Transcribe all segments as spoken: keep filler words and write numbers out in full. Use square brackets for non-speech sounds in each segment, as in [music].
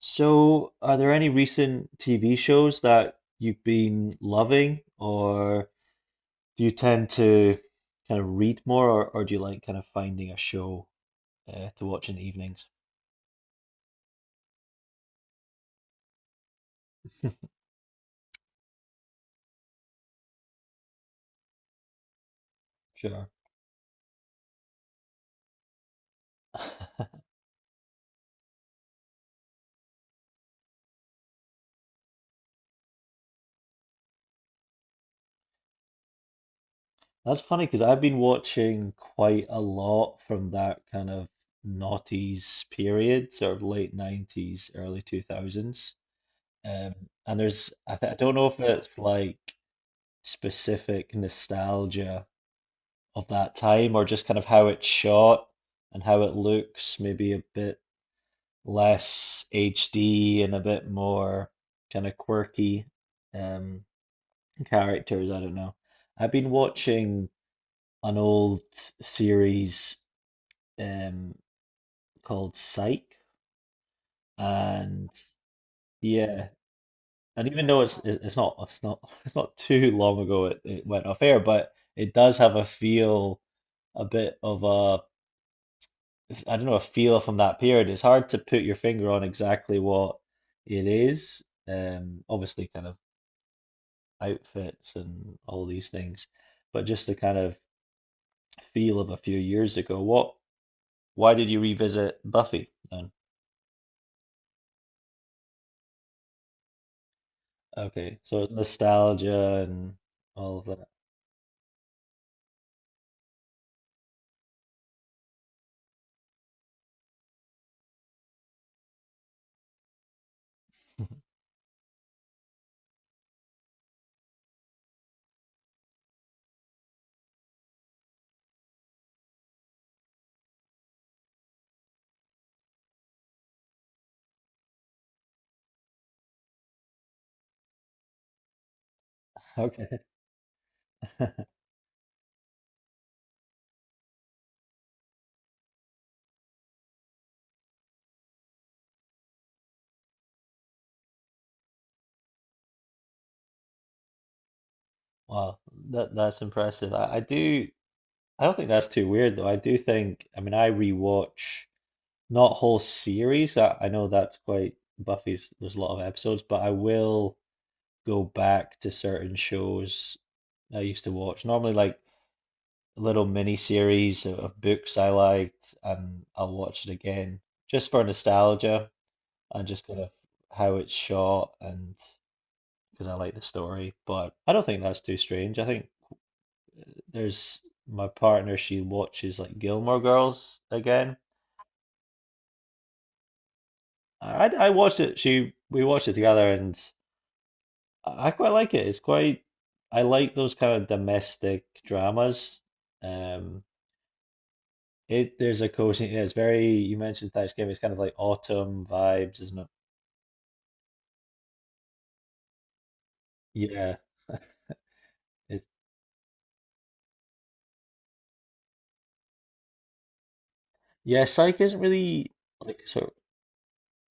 So, are there any recent T V shows that you've been loving, or do you tend to kind of read more, or, or do you like kind of finding a show uh, to watch in the evenings? Sure. [laughs] That's funny because I've been watching quite a lot from that kind of noughties period, sort of late nineties, early two thousands. Um, and there's, I, th I don't know if it's like specific nostalgia of that time, or just kind of how it's shot and how it looks, maybe a bit less H D and a bit more kind of quirky um, characters. I don't know. I've been watching an old series um, called Psych, and yeah, and even though it's it's it's not it's not [laughs] it's not too long ago it, it went off air, but it does have a feel a bit of a I don't know, a feel from that period. It's hard to put your finger on exactly what it is. Um, obviously, kind of outfits and all these things, but just the kind of feel of a few years ago. What, why did you revisit Buffy then? Okay, so it's nostalgia and all of that. [laughs] Okay. [laughs] Wow, that that's impressive. I, I do I don't think that's too weird though. I do think I mean I rewatch not whole series. I, I know that's quite Buffy's, there's a lot of episodes, but I will go back to certain shows I used to watch. Normally, like little mini series of, of books I liked, and I'll watch it again just for nostalgia and just kind of how it's shot and because I like the story. But I don't think that's too strange. I think there's my partner, she watches like Gilmore Girls again. I, I watched it. She we watched it together, and I I quite like it. It's quite, I like those kind of domestic dramas. Um, it there's a cozy. Yeah, it's very. You mentioned Thanksgiving. It's kind of like autumn vibes, isn't it? Yeah. It's yeah. Psych isn't really like so.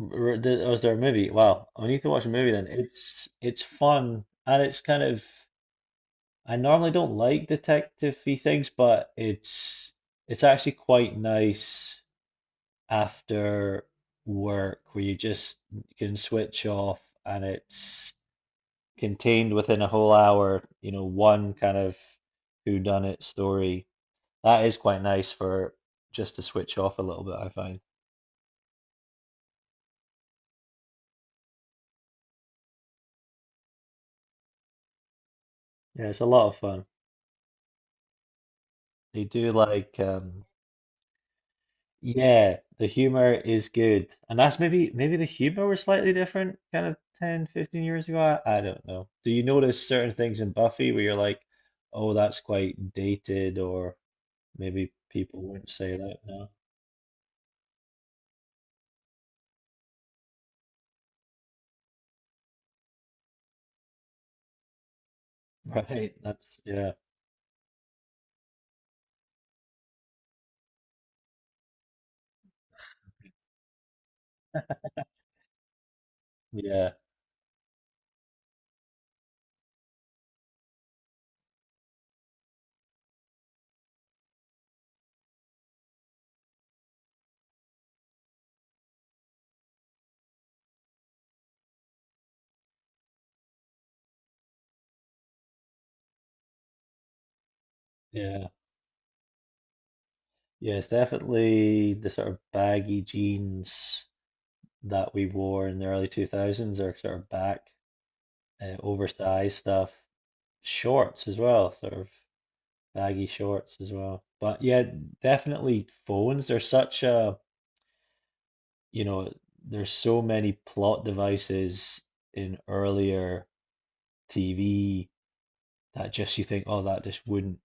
r- the- Was there a movie? Wow, I need to watch a movie then. It's it's fun and it's kind of. I normally don't like detective-y things, but it's it's actually quite nice after work where you just can switch off and it's contained within a whole hour, you know, one kind of whodunit story. That is quite nice for just to switch off a little bit, I find. Yeah, it's a lot of fun. They do like um yeah, the humor is good. And that's maybe maybe the humor was slightly different kind of ten fifteen years ago. I, I don't know. Do you notice certain things in Buffy where you're like, oh, that's quite dated or maybe people wouldn't say that now. [laughs] Right. That's yeah. Yeah. Yeah. Yeah. It's definitely the sort of baggy jeans that we wore in the early two thousands are sort of back, uh, oversized stuff. Shorts as well, sort of baggy shorts as well. But yeah, definitely phones. There's such a, you know, there's so many plot devices in earlier T V that just you think, oh, that just wouldn't.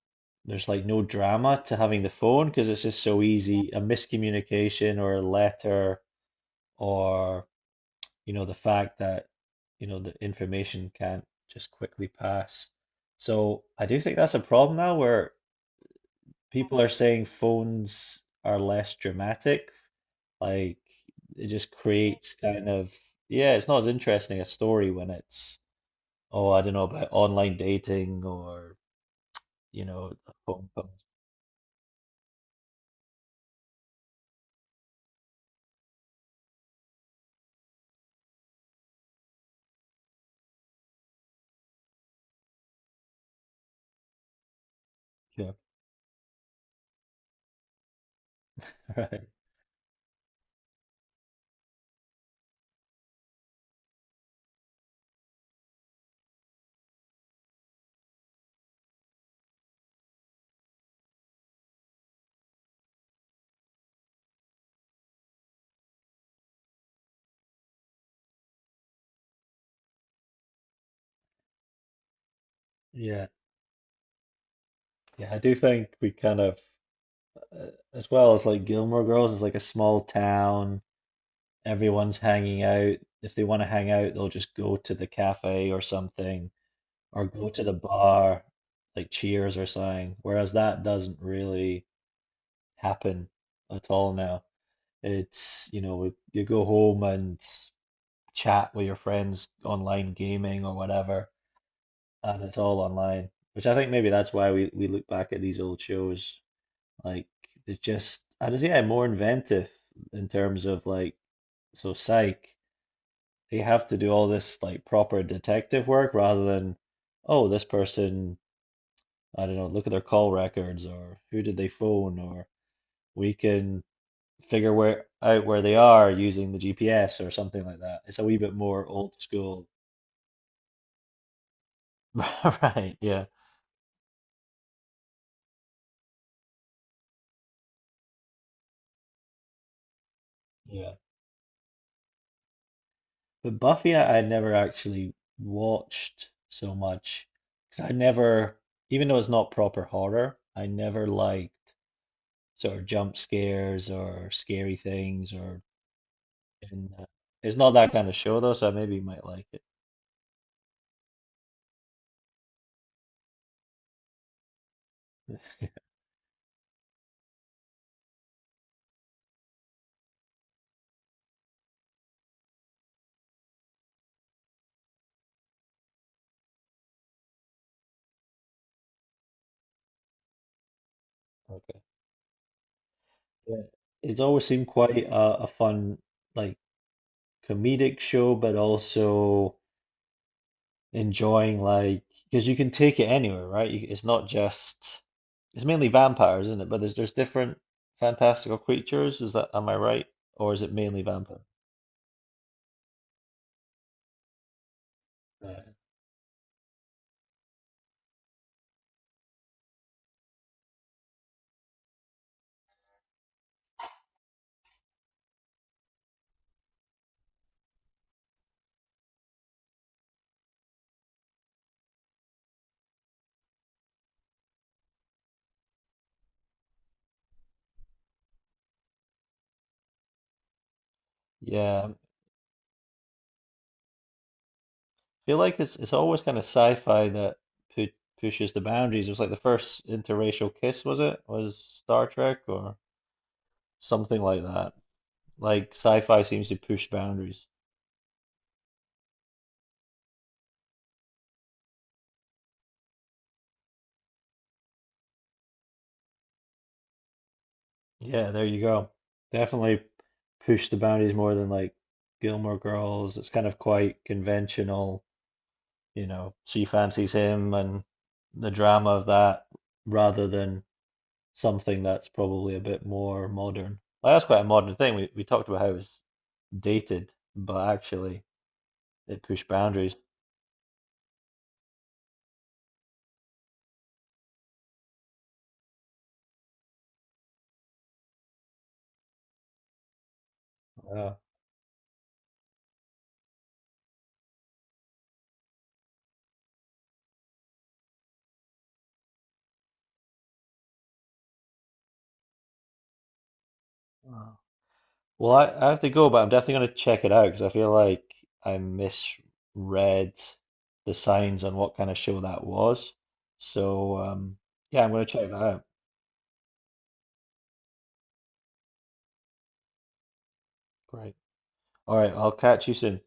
There's like no drama to having the phone because it's just so easy. A miscommunication or a letter, or you know, the fact that you know the information can't just quickly pass. So I do think that's a problem now where people are saying phones are less dramatic. Like it just creates kind of, yeah, it's not as interesting a story when it's, oh, I don't know about online dating or, you know, a phone calls. Right. Yeah. Yeah. I do think we kind of, uh, as well as like Gilmore Girls, is like a small town. Everyone's hanging out. If they want to hang out, they'll just go to the cafe or something, or go to the bar, like Cheers or something. Whereas that doesn't really happen at all now. It's, you know, you go home and chat with your friends online gaming or whatever, and it's all online, which I think maybe that's why we, we look back at these old shows like they're just, I just yeah, more inventive in terms of like so psych. They have to do all this like proper detective work rather than, oh, this person, I don't know, look at their call records or who did they phone or we can figure where out where they are using the G P S or something like that. It's a wee bit more old school. [laughs] Right, yeah. Yeah. But Buffy, I, I never actually watched so much because I never, even though it's not proper horror, I never liked sort of jump scares or scary things or. And, uh, it's not that kind of show though, so maybe you might like it. Okay. Yeah. It's always seemed quite a, a fun, like comedic show, but also enjoying like because you can take it anywhere, right? You, it's not just it's mainly vampires, isn't it? But there's there's different fantastical creatures. Is that am I right? Or is it mainly vampire? Yeah, yeah. I feel like it's it's always kind of sci-fi that pu pushes the boundaries. It was like the first interracial kiss, was it? Was Star Trek or something like that. Like sci-fi seems to push boundaries. Yeah, there you go. Definitely push the boundaries more than like Gilmore Girls. It's kind of quite conventional, you know, she fancies him and the drama of that rather than something that's probably a bit more modern. Like, that's quite a modern thing. We we talked about how it's dated, but actually it pushed boundaries. Yeah. Well, I, I have to go, but I'm definitely going to check it out because I feel like I misread the signs on what kind of show that was. So, um, yeah, I'm going to check that out. Great. All right, I'll catch you soon.